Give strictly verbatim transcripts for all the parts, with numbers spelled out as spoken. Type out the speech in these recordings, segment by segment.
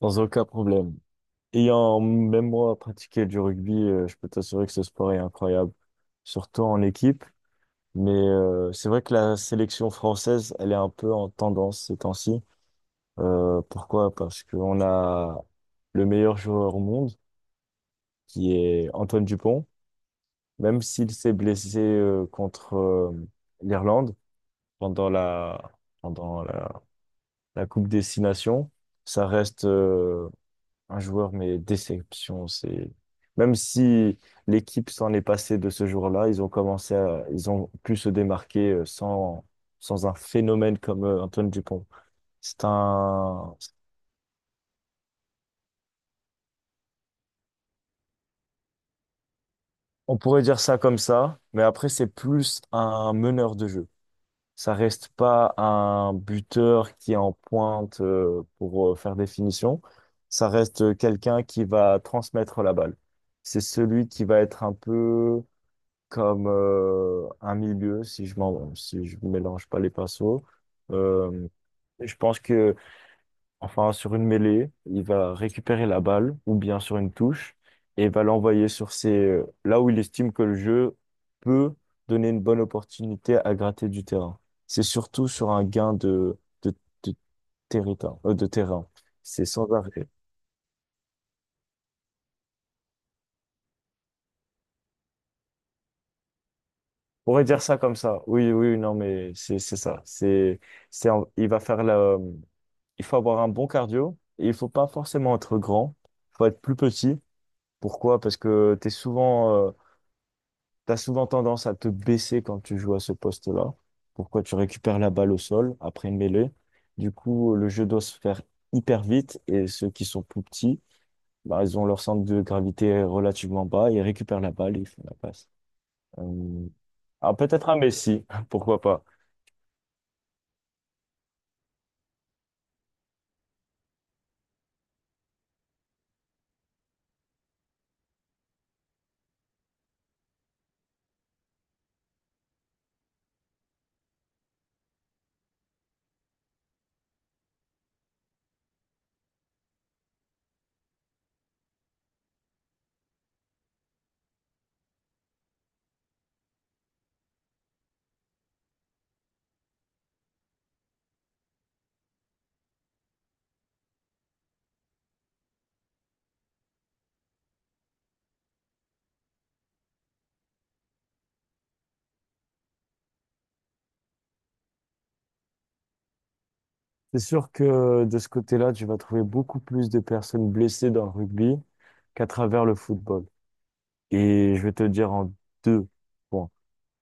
Sans aucun problème. Ayant même moi pratiqué du rugby, euh, je peux t'assurer que ce sport est incroyable, surtout en équipe. Mais euh, c'est vrai que la sélection française, elle est un peu en tendance ces temps-ci. Euh, pourquoi? Parce qu'on a le meilleur joueur au monde, qui est Antoine Dupont. Même s'il s'est blessé euh, contre euh, l'Irlande pendant la pendant la, la Coupe des Six Nations, ça reste euh, un joueur, mais déception, c'est... Même si l'équipe s'en est passée de ce jour-là, ils ont commencé à... Ils ont pu se démarquer euh, sans, sans un phénomène comme euh, Antoine Dupont. C'est un... On pourrait dire ça comme ça, mais après, c'est plus un meneur de jeu. Ça reste pas un buteur qui est en pointe euh, pour euh, faire des finitions. Ça reste euh, quelqu'un qui va transmettre la balle. C'est celui qui va être un peu comme euh, un milieu si je m'en si je mélange pas les pinceaux. Euh, je pense que enfin sur une mêlée, il va récupérer la balle ou bien sur une touche et va l'envoyer sur ses là où il estime que le jeu peut donner une bonne opportunité à gratter du terrain. C'est surtout sur un gain de de, de territoire, euh, de terrain. C'est sans arrêt. On pourrait dire ça comme ça. Oui, oui, non, mais c'est c'est ça. C'est c'est en- il va faire la il faut avoir un bon cardio et il faut pas forcément être grand. Il faut être plus petit. Pourquoi? Parce que t'es souvent, euh, t'as souvent tendance à te baisser quand tu joues à ce poste-là. Pourquoi? Tu récupères la balle au sol après une mêlée. Du coup, le jeu doit se faire hyper vite et ceux qui sont plus petits, bah, ils ont leur centre de gravité relativement bas, ils récupèrent la balle et ils font la passe. Euh, ah, peut-être un Messi, pourquoi pas? C'est sûr que de ce côté-là, tu vas trouver beaucoup plus de personnes blessées dans le rugby qu'à travers le football. Et je vais te le dire en deux points.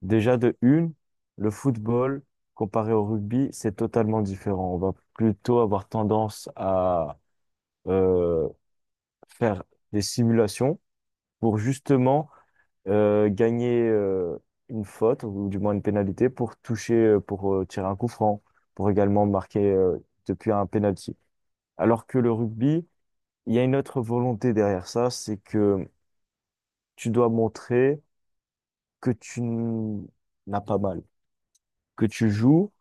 Déjà de une, le football, comparé au rugby, c'est totalement différent. On va plutôt avoir tendance à euh, faire des simulations pour justement euh, gagner euh, une faute ou du moins une pénalité pour toucher, euh, pour euh, tirer un coup franc, pour également marquer euh, depuis un penalty. Alors que le rugby, il y a une autre volonté derrière ça, c'est que tu dois montrer que tu n- n'as pas mal, que tu joues,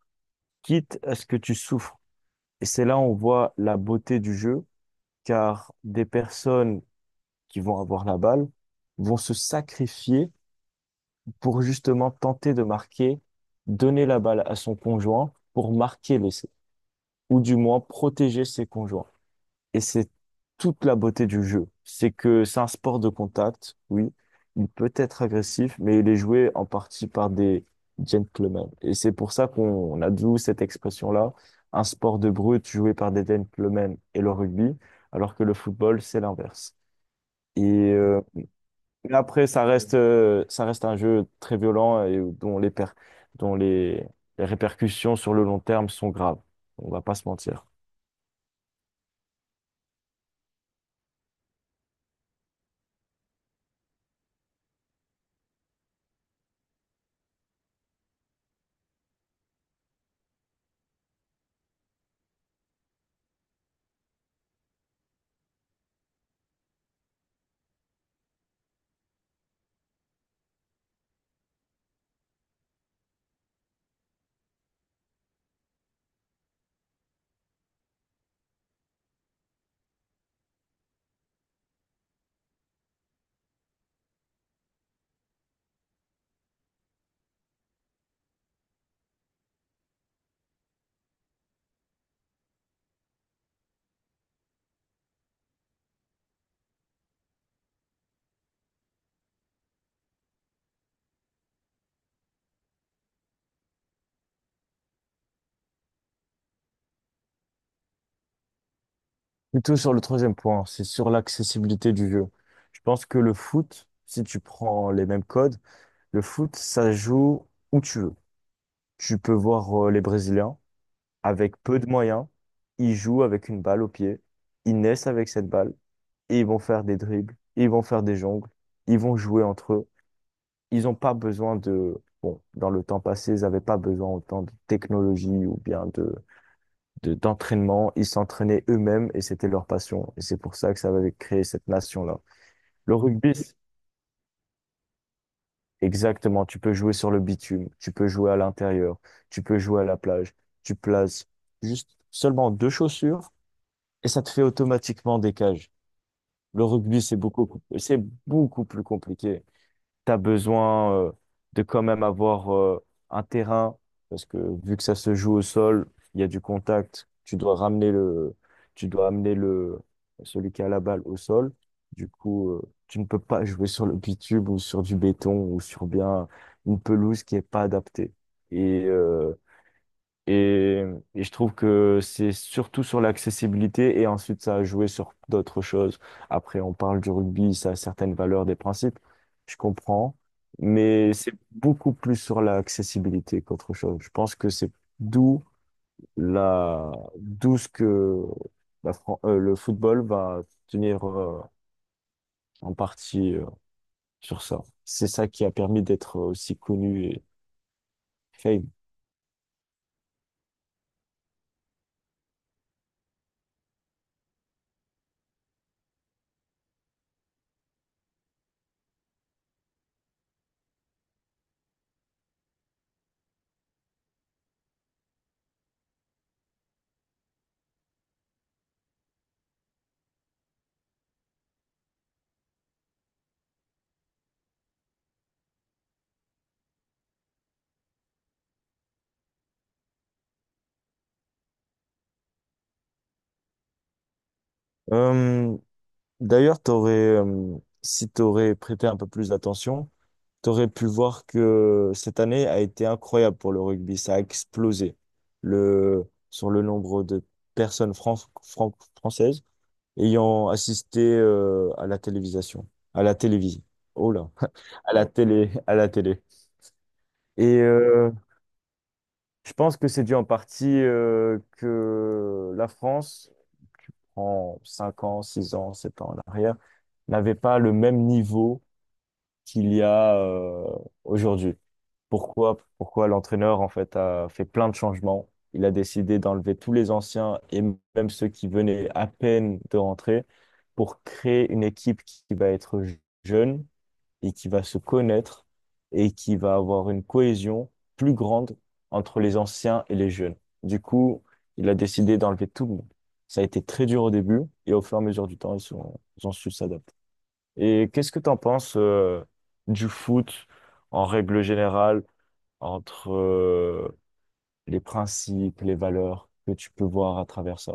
quitte à ce que tu souffres. Et c'est là où on voit la beauté du jeu, car des personnes qui vont avoir la balle vont se sacrifier pour justement tenter de marquer, donner la balle à son conjoint pour marquer l'essai, ou du moins protéger ses conjoints. Et c'est toute la beauté du jeu. C'est que c'est un sport de contact, oui. Il peut être agressif, mais il est joué en partie par des gentlemen. Et c'est pour ça qu'on on a d'où cette expression-là, un sport de brut joué par des gentlemen et le rugby, alors que le football, c'est l'inverse. Et euh, mais après, ça reste, euh, ça reste un jeu très violent et dont les, per- dont les, les répercussions sur le long terme sont graves. On va pas se mentir. Plutôt sur le troisième point, c'est sur l'accessibilité du jeu. Je pense que le foot, si tu prends les mêmes codes, le foot, ça joue où tu veux. Tu peux voir euh, les Brésiliens avec peu de moyens. Ils jouent avec une balle au pied. Ils naissent avec cette balle. Et ils vont faire des dribbles, ils vont faire des jongles, ils vont jouer entre eux. Ils n'ont pas besoin de... Bon, dans le temps passé, ils n'avaient pas besoin autant de technologie ou bien de, de- d'entraînement. Ils s'entraînaient eux-mêmes et c'était leur passion. Et c'est pour ça que ça avait créé cette nation-là. Le rugby, exactement, tu peux jouer sur le bitume, tu peux jouer à l'intérieur, tu peux jouer à la plage, tu places juste seulement deux chaussures et ça te fait automatiquement des cages. Le rugby, c'est beaucoup, c'est beaucoup plus compliqué. Tu as besoin euh, de quand même avoir euh, un terrain, parce que vu que ça se joue au sol, il y a du contact, tu dois ramener le, tu dois amener le, celui qui a la balle au sol. Du coup, euh, tu ne peux pas jouer sur le bitume ou sur du béton ou sur bien une pelouse qui est pas adaptée. Et, euh, et, et je trouve que c'est surtout sur l'accessibilité et ensuite ça a joué sur d'autres choses. Après, on parle du rugby, ça a certaines valeurs, des principes, je comprends, mais c'est beaucoup plus sur l'accessibilité qu'autre chose. Je pense que c'est d'où la, d'où ce que la Fran- euh, le football va tenir euh, en partie euh, sur ça. C'est ça qui a permis d'être aussi connu et fame. Hum, D'ailleurs, t'aurais, euh, si tu aurais prêté un peu plus d'attention, tu aurais pu voir que cette année a été incroyable pour le rugby. Ça a explosé le, sur le nombre de personnes fran- fran- françaises ayant assisté euh, à la télévision. À la télévision. Oh là! À la télé, à la télé. Et euh, je pense que c'est dû en partie euh, que la France, en cinq ans, six ans, sept ans en arrière, n'avait pas le même niveau qu'il y a euh, aujourd'hui. Pourquoi, pourquoi l'entraîneur en fait a fait plein de changements. Il a décidé d'enlever tous les anciens et même ceux qui venaient à peine de rentrer pour créer une équipe qui va être jeune et qui va se connaître et qui va avoir une cohésion plus grande entre les anciens et les jeunes. Du coup, il a décidé d'enlever tout le monde. Ça a été très dur au début et au fur et à mesure du temps, ils sont, ils ont su s'adapter. Et qu'est-ce que tu en penses euh, du foot en règle générale, entre euh, les principes, les valeurs que tu peux voir à travers ça?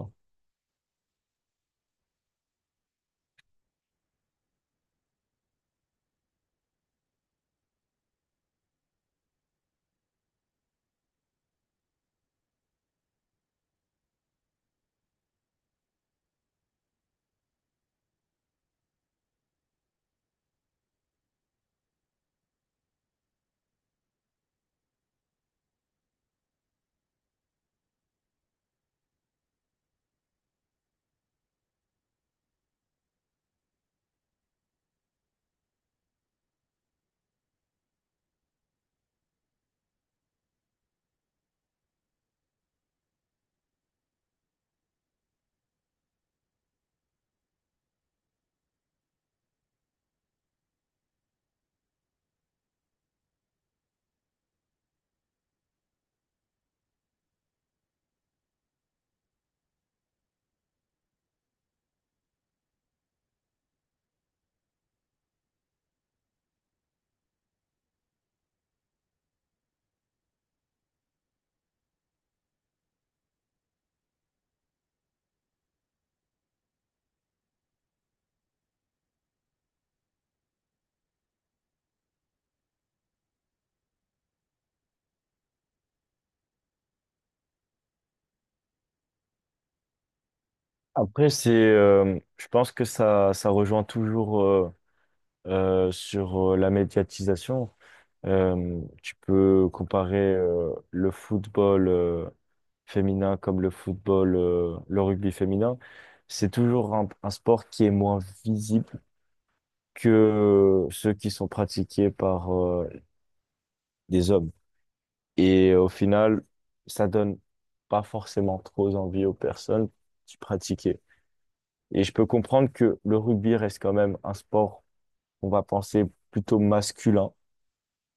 Après, c'est, euh, je pense que ça, ça rejoint toujours. euh, euh, sur euh, la médiatisation. Euh, tu peux comparer euh, le football euh, féminin comme le football, euh, le rugby féminin. C'est toujours un, un sport qui est moins visible que ceux qui sont pratiqués par euh, des hommes. Et au final, ça donne pas forcément trop envie aux personnes qui pratiquaient. Et je peux comprendre que le rugby reste quand même un sport qu'on va penser plutôt masculin.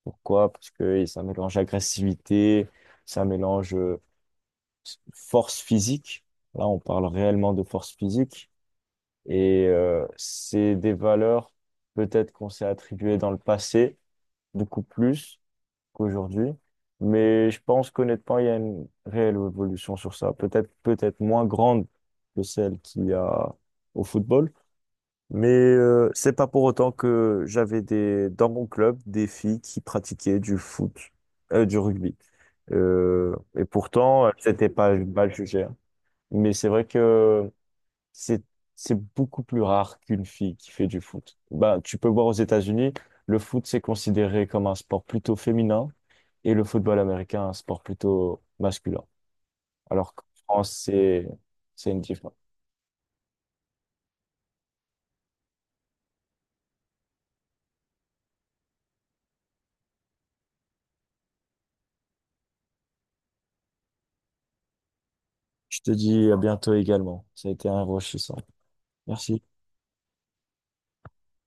Pourquoi? Parce que ça mélange agressivité, ça mélange euh, force physique. Là, on parle réellement de force physique. Et euh, c'est des valeurs peut-être qu'on s'est attribuées dans le passé, beaucoup plus qu'aujourd'hui. Mais je pense qu'honnêtement, il y a une réelle évolution sur ça. Peut-être, peut-être moins grande que celle qu'il y a au football mais euh, c'est pas pour autant que j'avais des dans mon club des filles qui pratiquaient du foot, euh, du rugby. Euh, et pourtant, c'était pas mal jugé, hein. Mais c'est vrai que c'est c'est beaucoup plus rare qu'une fille qui fait du foot. Ben, tu peux voir aux États-Unis, le foot c'est considéré comme un sport plutôt féminin et le football américain un sport plutôt masculin. Alors qu'en France, c'est c'est une différence. Je te dis à bientôt également. Ça a été enrichissant. Merci.